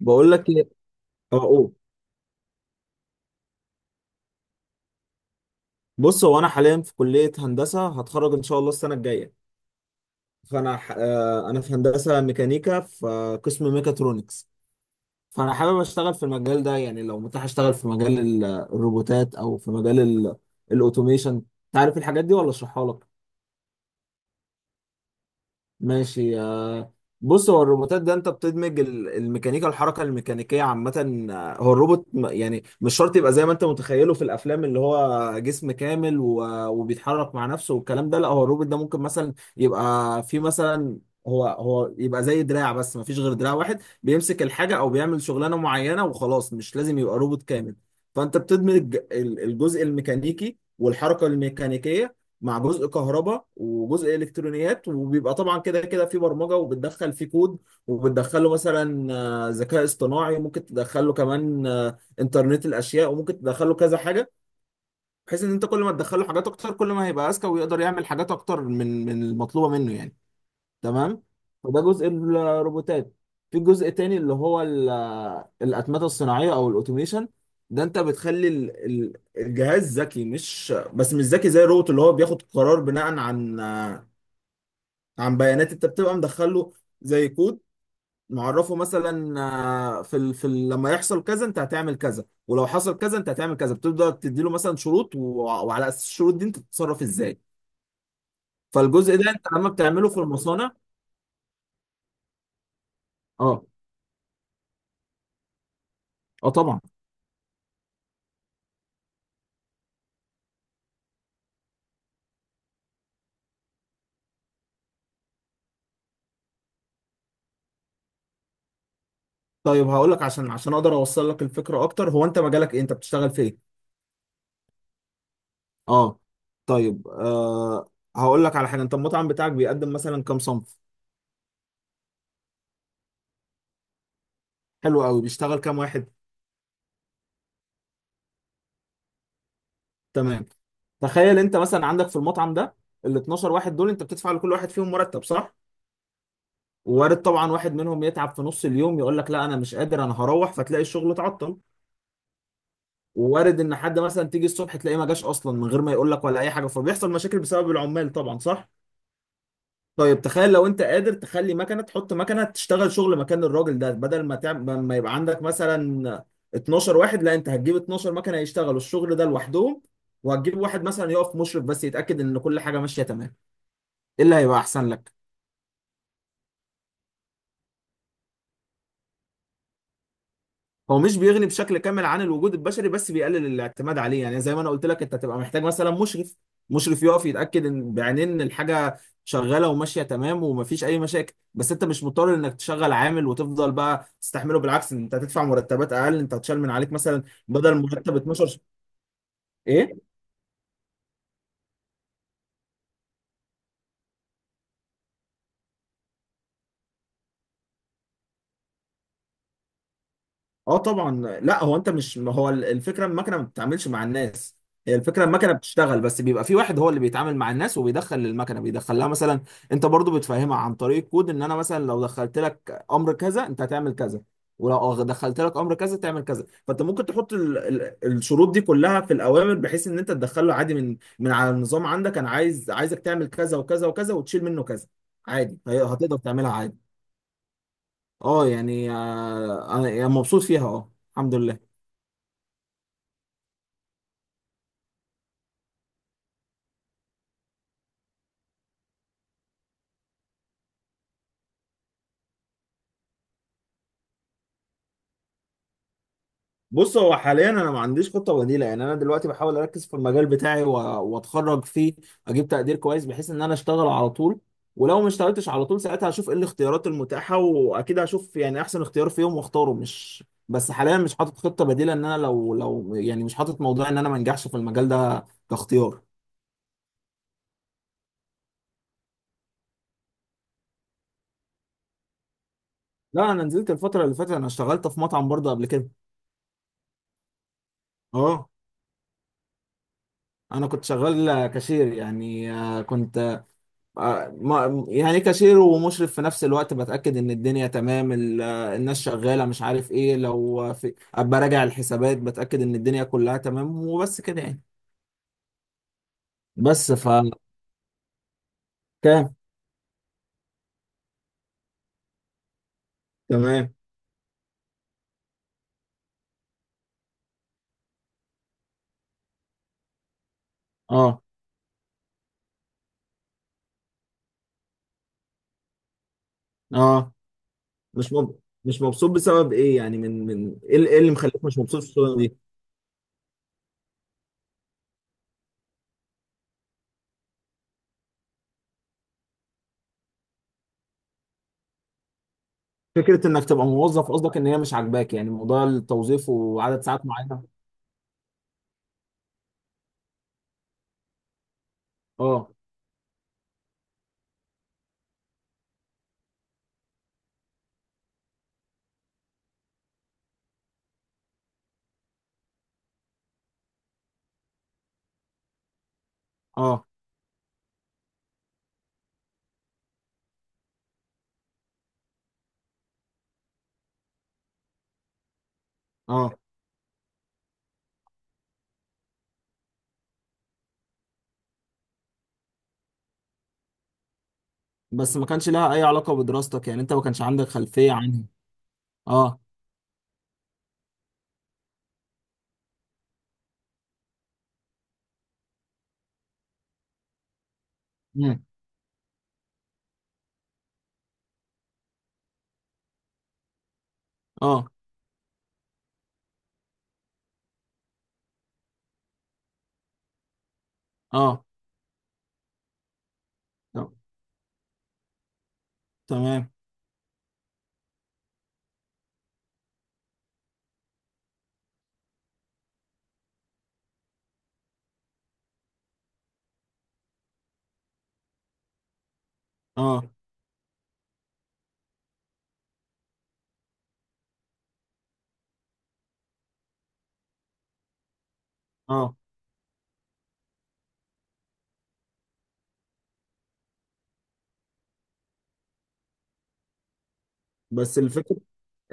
بقول لك ايه. اه أوه. بص، هو انا حاليا في كليه هندسه، هتخرج ان شاء الله السنه الجايه. فانا ح... آه، انا في هندسه ميكانيكا في قسم ميكاترونكس. فانا حابب اشتغل في المجال ده، يعني لو متاح اشتغل في مجال الروبوتات او في مجال الاوتوميشن. تعرف الحاجات دي ولا اشرحها لك؟ ماشي بص، هو الروبوتات ده انت بتدمج الميكانيكا، الحركه الميكانيكيه عامه. هو الروبوت يعني مش شرط يبقى زي ما انت متخيله في الافلام، اللي هو جسم كامل وبيتحرك مع نفسه والكلام ده. لا، هو الروبوت ده ممكن مثلا يبقى في مثلا هو يبقى زي دراع، بس ما فيش غير دراع واحد بيمسك الحاجه او بيعمل شغلانه معينه وخلاص، مش لازم يبقى روبوت كامل. فانت بتدمج الجزء الميكانيكي والحركه الميكانيكيه مع جزء كهرباء وجزء الكترونيات، وبيبقى طبعا كده كده في برمجه، وبتدخل فيه كود، وبتدخله مثلا ذكاء اصطناعي، وممكن تدخله كمان انترنت الاشياء، وممكن تدخله كذا حاجه، بحيث ان انت كل ما تدخله حاجات اكتر كل ما هيبقى اذكى ويقدر يعمل حاجات اكتر من المطلوبه منه يعني. تمام. فده جزء الروبوتات. في جزء تاني اللي هو الأتمتة الصناعية أو الأوتوميشن. ده أنت بتخلي الجهاز ذكي، مش بس مش ذكي زي الروبوت، اللي هو بياخد قرار بناء عن بيانات أنت بتبقى مدخله زي كود، معرفه مثلا لما يحصل كذا أنت هتعمل كذا، ولو حصل كذا أنت هتعمل كذا. بتبدأ تديله مثلا شروط وعلى أساس الشروط دي أنت تتصرف إزاي. فالجزء ده أنت لما بتعمله في المصانع. أه. أه طبعا. طيب هقول لك، عشان عشان اقدر اوصل لك الفكره اكتر، هو انت مجالك ايه؟ انت بتشتغل في ايه؟ اه. طيب هقول لك على حاجه. انت المطعم بتاعك بيقدم مثلا كام صنف؟ حلو قوي. بيشتغل كام واحد؟ تمام. تخيل انت مثلا عندك في المطعم ده، ال 12 واحد دول انت بتدفع لكل واحد فيهم مرتب، صح؟ وارد طبعا واحد منهم يتعب في نص اليوم يقول لك لا انا مش قادر انا هروح، فتلاقي الشغل اتعطل. ووارد ان حد مثلا تيجي الصبح تلاقيه ما جاش اصلا من غير ما يقول لك ولا اي حاجه، فبيحصل مشاكل بسبب العمال طبعا، صح؟ طيب تخيل لو انت قادر تخلي مكنه، تحط مكنه تشتغل شغل مكان الراجل ده، بدل ما تعمل ما يبقى عندك مثلا 12 واحد، لا، انت هتجيب 12 مكنه يشتغلوا الشغل ده لوحدهم، وهتجيب واحد مثلا يقف مشرف بس يتاكد ان كل حاجه ماشيه تمام. ايه اللي هيبقى احسن لك؟ هو مش بيغني بشكل كامل عن الوجود البشري، بس بيقلل الاعتماد عليه. يعني زي ما انا قلت لك، انت هتبقى محتاج مثلا مشرف، مشرف يقف يتاكد ان بعينين ان الحاجه شغاله وماشيه تمام ومفيش اي مشاكل، بس انت مش مضطر انك تشغل عامل وتفضل بقى تستحمله. بالعكس، انت هتدفع مرتبات اقل، انت هتشال من عليك مثلا بدل مرتب 12 ايه. اه طبعا. لا، هو انت مش، ما هو الفكره المكنه ما بتتعاملش مع الناس. هي الفكره، المكنه بتشتغل، بس بيبقى في واحد هو اللي بيتعامل مع الناس وبيدخل للمكنه، بيدخل لها مثلا، انت برضو بتفهمها عن طريق كود، ان انا مثلا لو دخلت لك امر كذا انت هتعمل كذا، ولو دخلت لك امر كذا تعمل كذا. فانت ممكن تحط الشروط دي كلها في الاوامر، بحيث ان انت تدخله عادي من على النظام عندك، انا عايز، عايزك تعمل كذا وكذا وكذا وتشيل منه كذا عادي. هتقدر تعملها عادي. اه يعني آه، انا أنا مبسوط فيها، اه الحمد لله. بص، هو حاليا انا ما عنديش خطه بديله. يعني انا دلوقتي بحاول اركز في المجال بتاعي واتخرج فيه، اجيب تقدير كويس بحيث ان انا اشتغل على طول. ولو ما اشتغلتش على طول، ساعتها هشوف ايه الاختيارات المتاحه، واكيد هشوف يعني احسن اختيار فيهم واختاره. مش، بس حاليا مش حاطط خطه بديله ان انا لو يعني، مش حاطط موضوع ان انا ما انجحش في المجال ده كاختيار. لا، انا نزلت الفتره اللي فاتت، انا اشتغلت في مطعم برضه قبل كده. اه. انا كنت شغال كاشير يعني، آه، كنت آه، ما يعني كاشير ومشرف في نفس الوقت، بتأكد ان الدنيا تمام، الناس شغالة، مش عارف ايه، لو في ابقى راجع الحسابات، بتأكد ان الدنيا كلها تمام وبس كده يعني. بس ف كام. تمام. اه. اه مش مب... مش مبسوط بسبب ايه يعني، من ايه إيه اللي مخليك مش مبسوط في الشغل دي؟ فكرة انك تبقى موظف قصدك، ان هي مش عاجباك يعني موضوع التوظيف وعدد ساعات معينة؟ اه. اه. اه بس ما كانش لها اي علاقة بدراستك، يعني انت ما كانش عندك خلفية عنها؟ اه. اه. اه آه، تمام. اه. اه بس الفكرة،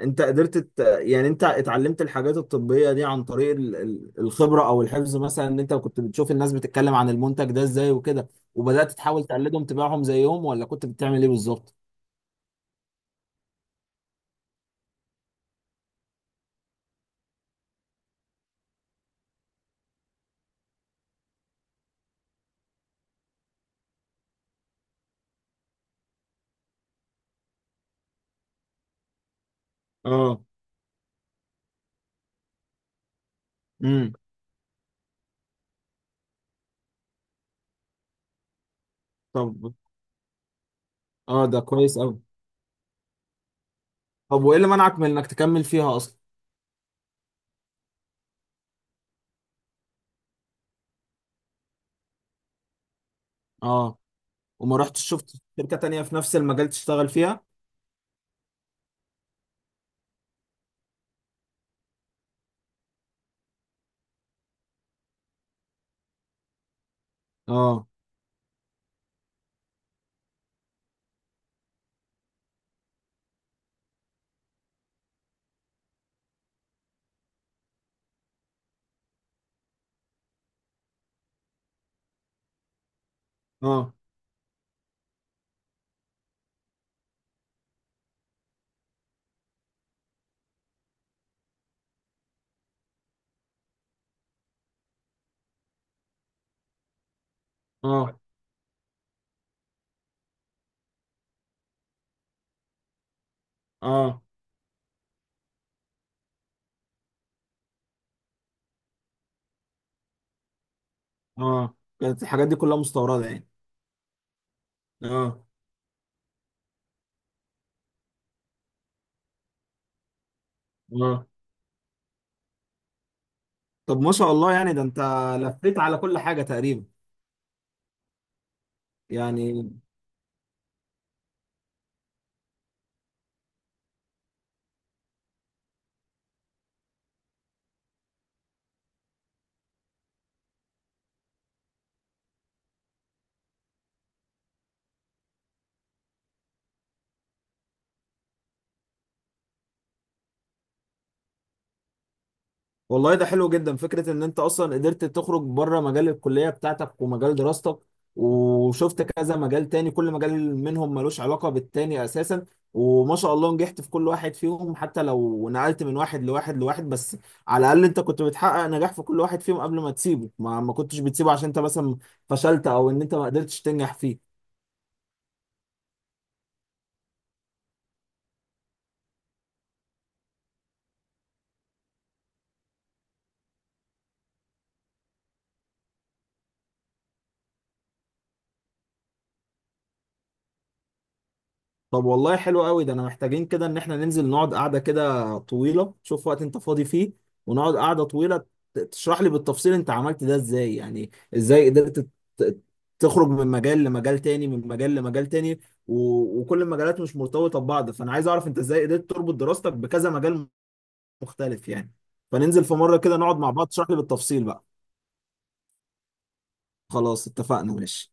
يعني انت اتعلمت الحاجات الطبية دي عن طريق الخبرة او الحفظ مثلا؟ ان انت كنت بتشوف الناس بتتكلم عن المنتج ده ازاي وكده، وبدأت تحاول تقلدهم تبيعهم زيهم، ولا كنت بتعمل ايه بالظبط؟ اه. امم. طب. اه ده كويس قوي. طب وايه اللي منعك من انك تكمل فيها اصلا؟ اه. وما رحتش شفت شركة تانية في نفس المجال تشتغل فيها؟ اه. اه. اه. اه. اه كانت الحاجات دي كلها مستوردة يعني؟ اه. اه. طب ما شاء الله، يعني ده انت لفيت على كل حاجة تقريبا يعني. والله ده حلو جدا، فكرة ان انت اصلا قدرت تخرج بره مجال الكلية بتاعتك ومجال دراستك، وشفت كذا مجال تاني، كل مجال منهم ملوش علاقة بالتاني اساسا، وما شاء الله نجحت في كل واحد فيهم. حتى لو نقلت من واحد لواحد لواحد، بس على الاقل انت كنت بتحقق نجاح في كل واحد فيهم قبل ما تسيبه، ما كنتش بتسيبه عشان انت مثلا فشلت او ان انت ما قدرتش تنجح فيه. طب والله حلو قوي ده، انا محتاجين كده ان احنا ننزل نقعد قعدة كده طويلة. شوف وقت انت فاضي فيه ونقعد قعدة طويلة، تشرح لي بالتفصيل انت عملت ده ازاي يعني، ازاي قدرت ت- تخرج من مجال لمجال تاني، من مجال لمجال تاني، و... وكل المجالات مش مرتبطة ببعض. فانا عايز اعرف انت ازاي قدرت تربط دراستك بكذا مجال مختلف يعني. فننزل في مرة كده نقعد مع بعض، تشرح لي بالتفصيل بقى. خلاص اتفقنا، ماشي.